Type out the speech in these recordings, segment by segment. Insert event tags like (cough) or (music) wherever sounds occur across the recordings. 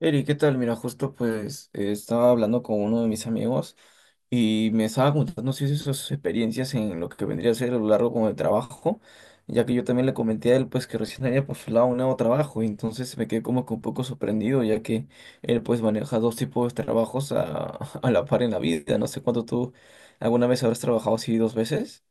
Eri, ¿qué tal? Mira, justo pues estaba hablando con uno de mis amigos y me estaba contando si sus experiencias en lo que vendría a ser a lo largo como de trabajo, ya que yo también le comenté a él pues que recién había postulado un nuevo trabajo, y entonces me quedé como que un poco sorprendido, ya que él pues maneja dos tipos de trabajos (laughs) a la par en la vida. No sé cuánto tú alguna vez habrás trabajado así dos veces.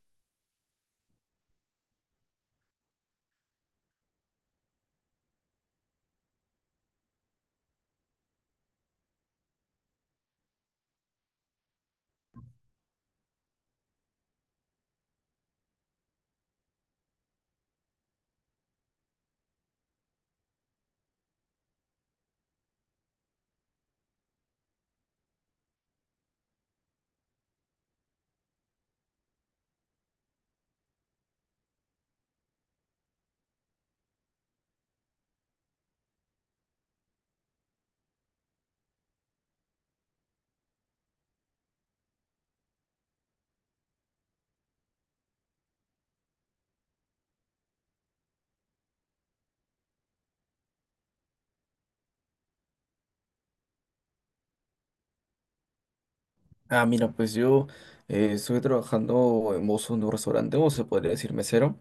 Ah, mira, pues yo estuve trabajando en mozo en un restaurante, o se podría decir mesero.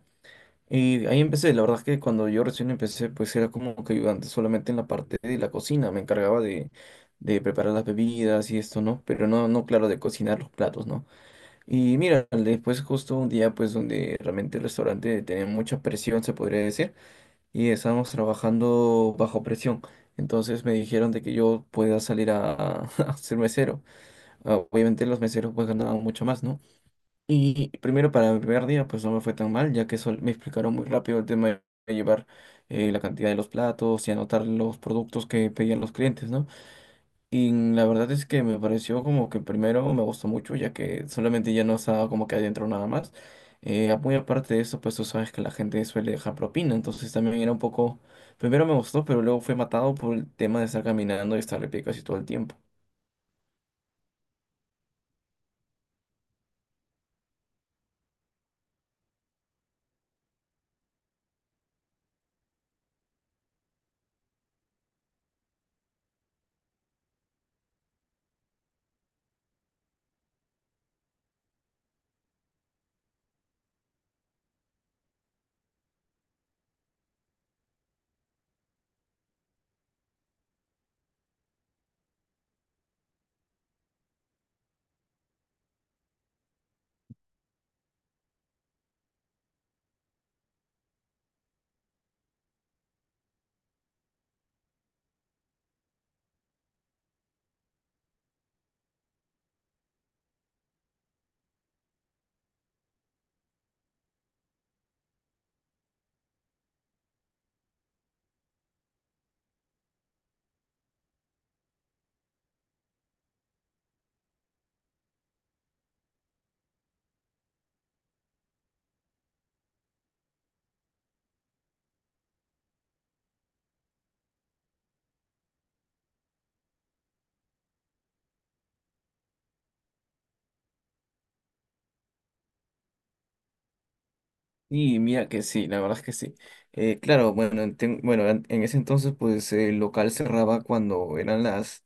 Y ahí empecé, la verdad es que cuando yo recién empecé, pues era como que ayudante solamente en la parte de la cocina, me encargaba de preparar las bebidas y esto, ¿no? Pero no, no, claro, de cocinar los platos, ¿no? Y mira, después justo un día, pues donde realmente el restaurante tenía mucha presión, se podría decir, y estábamos trabajando bajo presión. Entonces me dijeron de que yo pueda salir (laughs) a ser mesero. Ah, obviamente los meseros pues ganaban mucho más, ¿no? Y primero para mi primer día, pues no me fue tan mal, ya que me explicaron muy rápido el tema de llevar la cantidad de los platos y anotar los productos que pedían los clientes, ¿no? Y la verdad es que me pareció como que primero me gustó mucho, ya que solamente ya no estaba como que adentro nada más. Muy aparte de eso, pues tú sabes que la gente suele dejar propina, entonces también era un poco... Primero me gustó, pero luego fue matado por el tema de estar caminando y estar de pie casi todo el tiempo. Y mira que sí, la verdad es que sí. Claro, bueno, bueno, en ese entonces pues el local cerraba cuando eran las,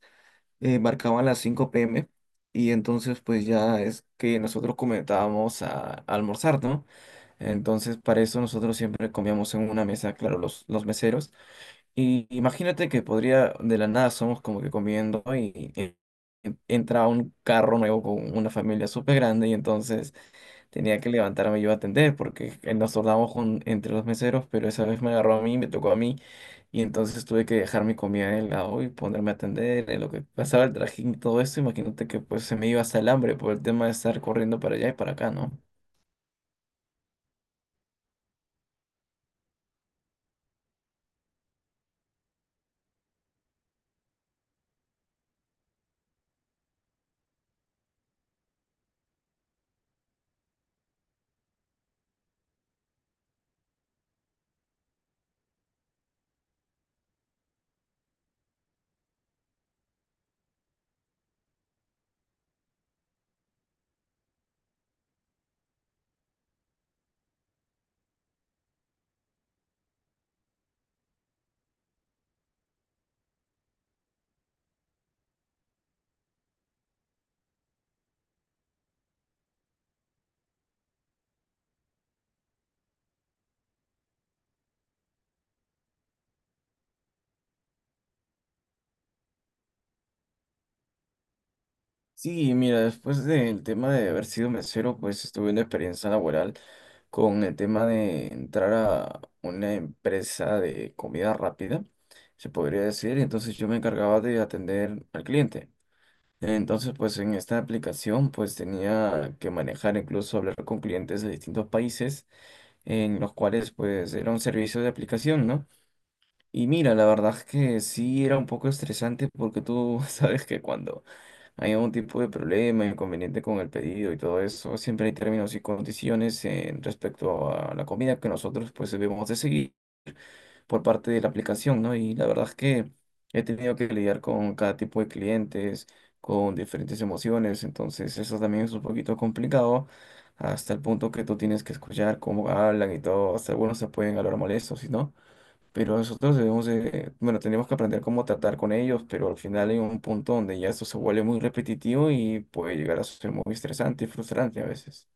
marcaban las 5 p.m. Y entonces pues ya es que nosotros comenzábamos a almorzar, ¿no? Entonces para eso nosotros siempre comíamos en una mesa, claro, los meseros. Y imagínate que podría, de la nada somos como que comiendo y entra un carro nuevo con una familia súper grande y entonces tenía que levantarme yo a atender porque nos turnamos con, entre los meseros, pero esa vez me agarró a mí, me tocó a mí, y entonces tuve que dejar mi comida en el lado y ponerme a atender en lo que pasaba el trajín y todo eso. Imagínate que pues se me iba hasta el hambre por el tema de estar corriendo para allá y para acá, ¿no? Sí, mira, después del tema de haber sido mesero, pues tuve una experiencia laboral con el tema de entrar a una empresa de comida rápida, se podría decir, y entonces yo me encargaba de atender al cliente. Entonces, pues en esta aplicación, pues tenía que manejar, incluso hablar con clientes de distintos países, en los cuales pues era un servicio de aplicación, ¿no? Y mira, la verdad es que sí era un poco estresante porque tú (laughs) sabes que cuando hay algún tipo de problema, inconveniente con el pedido y todo eso, siempre hay términos y condiciones en respecto a la comida que nosotros pues debemos de seguir por parte de la aplicación, ¿no? Y la verdad es que he tenido que lidiar con cada tipo de clientes, con diferentes emociones, entonces eso también es un poquito complicado, hasta el punto que tú tienes que escuchar cómo hablan y todo, hasta algunos se pueden hablar molestos y no, pero nosotros debemos de, bueno, tenemos que aprender cómo tratar con ellos, pero al final hay un punto donde ya esto se vuelve muy repetitivo y puede llegar a ser muy estresante y frustrante a veces.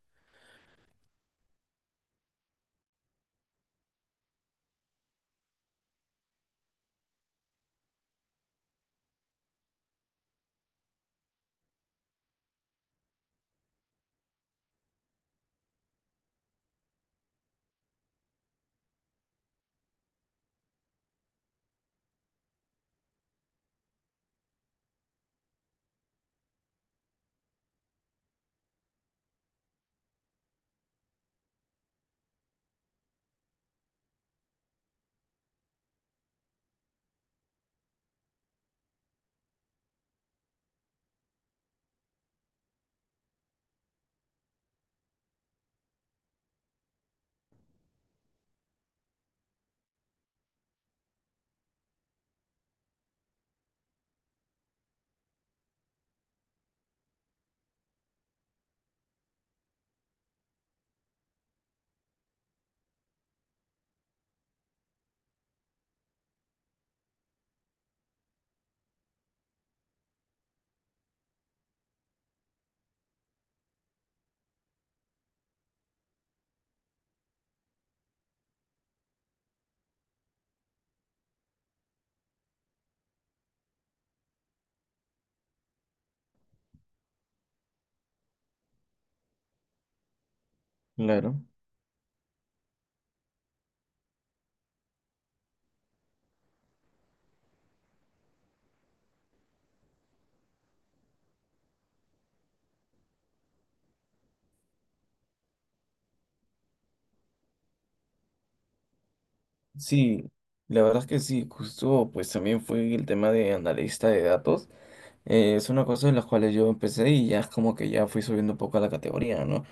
Claro. Sí, la verdad es que sí, justo pues también fue el tema de analista de datos. Es una cosa de las cuales yo empecé y ya es como que ya fui subiendo un poco a la categoría, ¿no?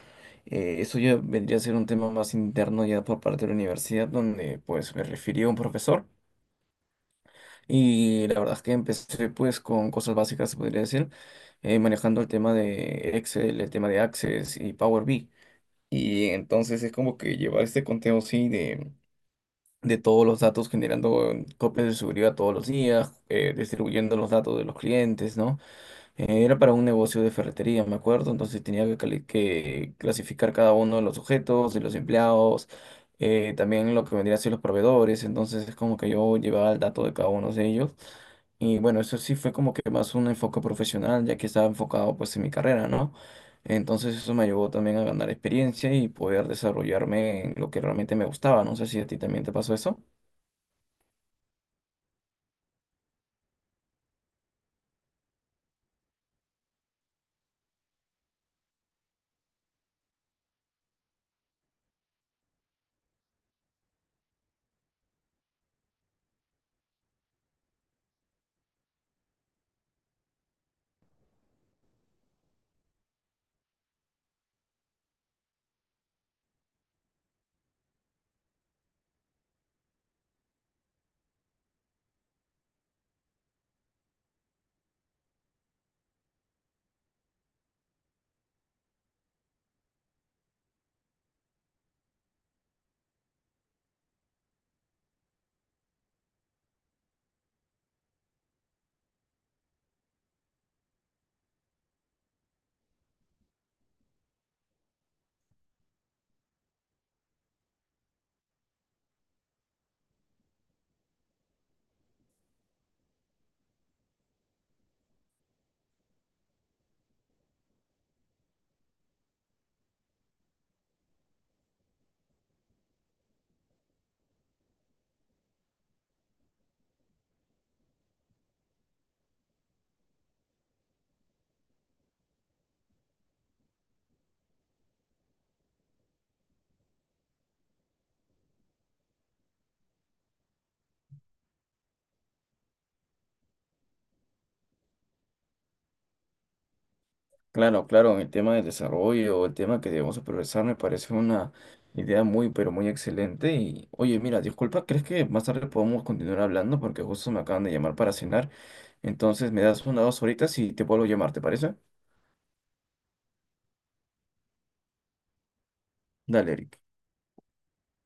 Eso ya vendría a ser un tema más interno ya por parte de la universidad donde pues me refirió un profesor y la verdad es que empecé pues con cosas básicas, se podría decir, manejando el tema de Excel, el tema de Access y Power BI. Y entonces es como que llevar este conteo, sí, de todos los datos, generando copias de seguridad todos los días, distribuyendo los datos de los clientes, ¿no? Era para un negocio de ferretería, me acuerdo, entonces tenía que, clasificar cada uno de los sujetos y los empleados, también lo que vendrían a ser los proveedores, entonces es como que yo llevaba el dato de cada uno de ellos. Y bueno, eso sí fue como que más un enfoque profesional, ya que estaba enfocado pues en mi carrera, ¿no? Entonces eso me ayudó también a ganar experiencia y poder desarrollarme en lo que realmente me gustaba. No sé si a ti también te pasó eso. Claro, claro, en el tema del desarrollo, el tema que debemos progresar, me parece una idea muy, pero muy excelente. Y oye, mira, disculpa, ¿crees que más tarde podemos continuar hablando? Porque justo me acaban de llamar para cenar. Entonces, me das una o dos horitas y te vuelvo a llamar, ¿te parece? Dale, Eric.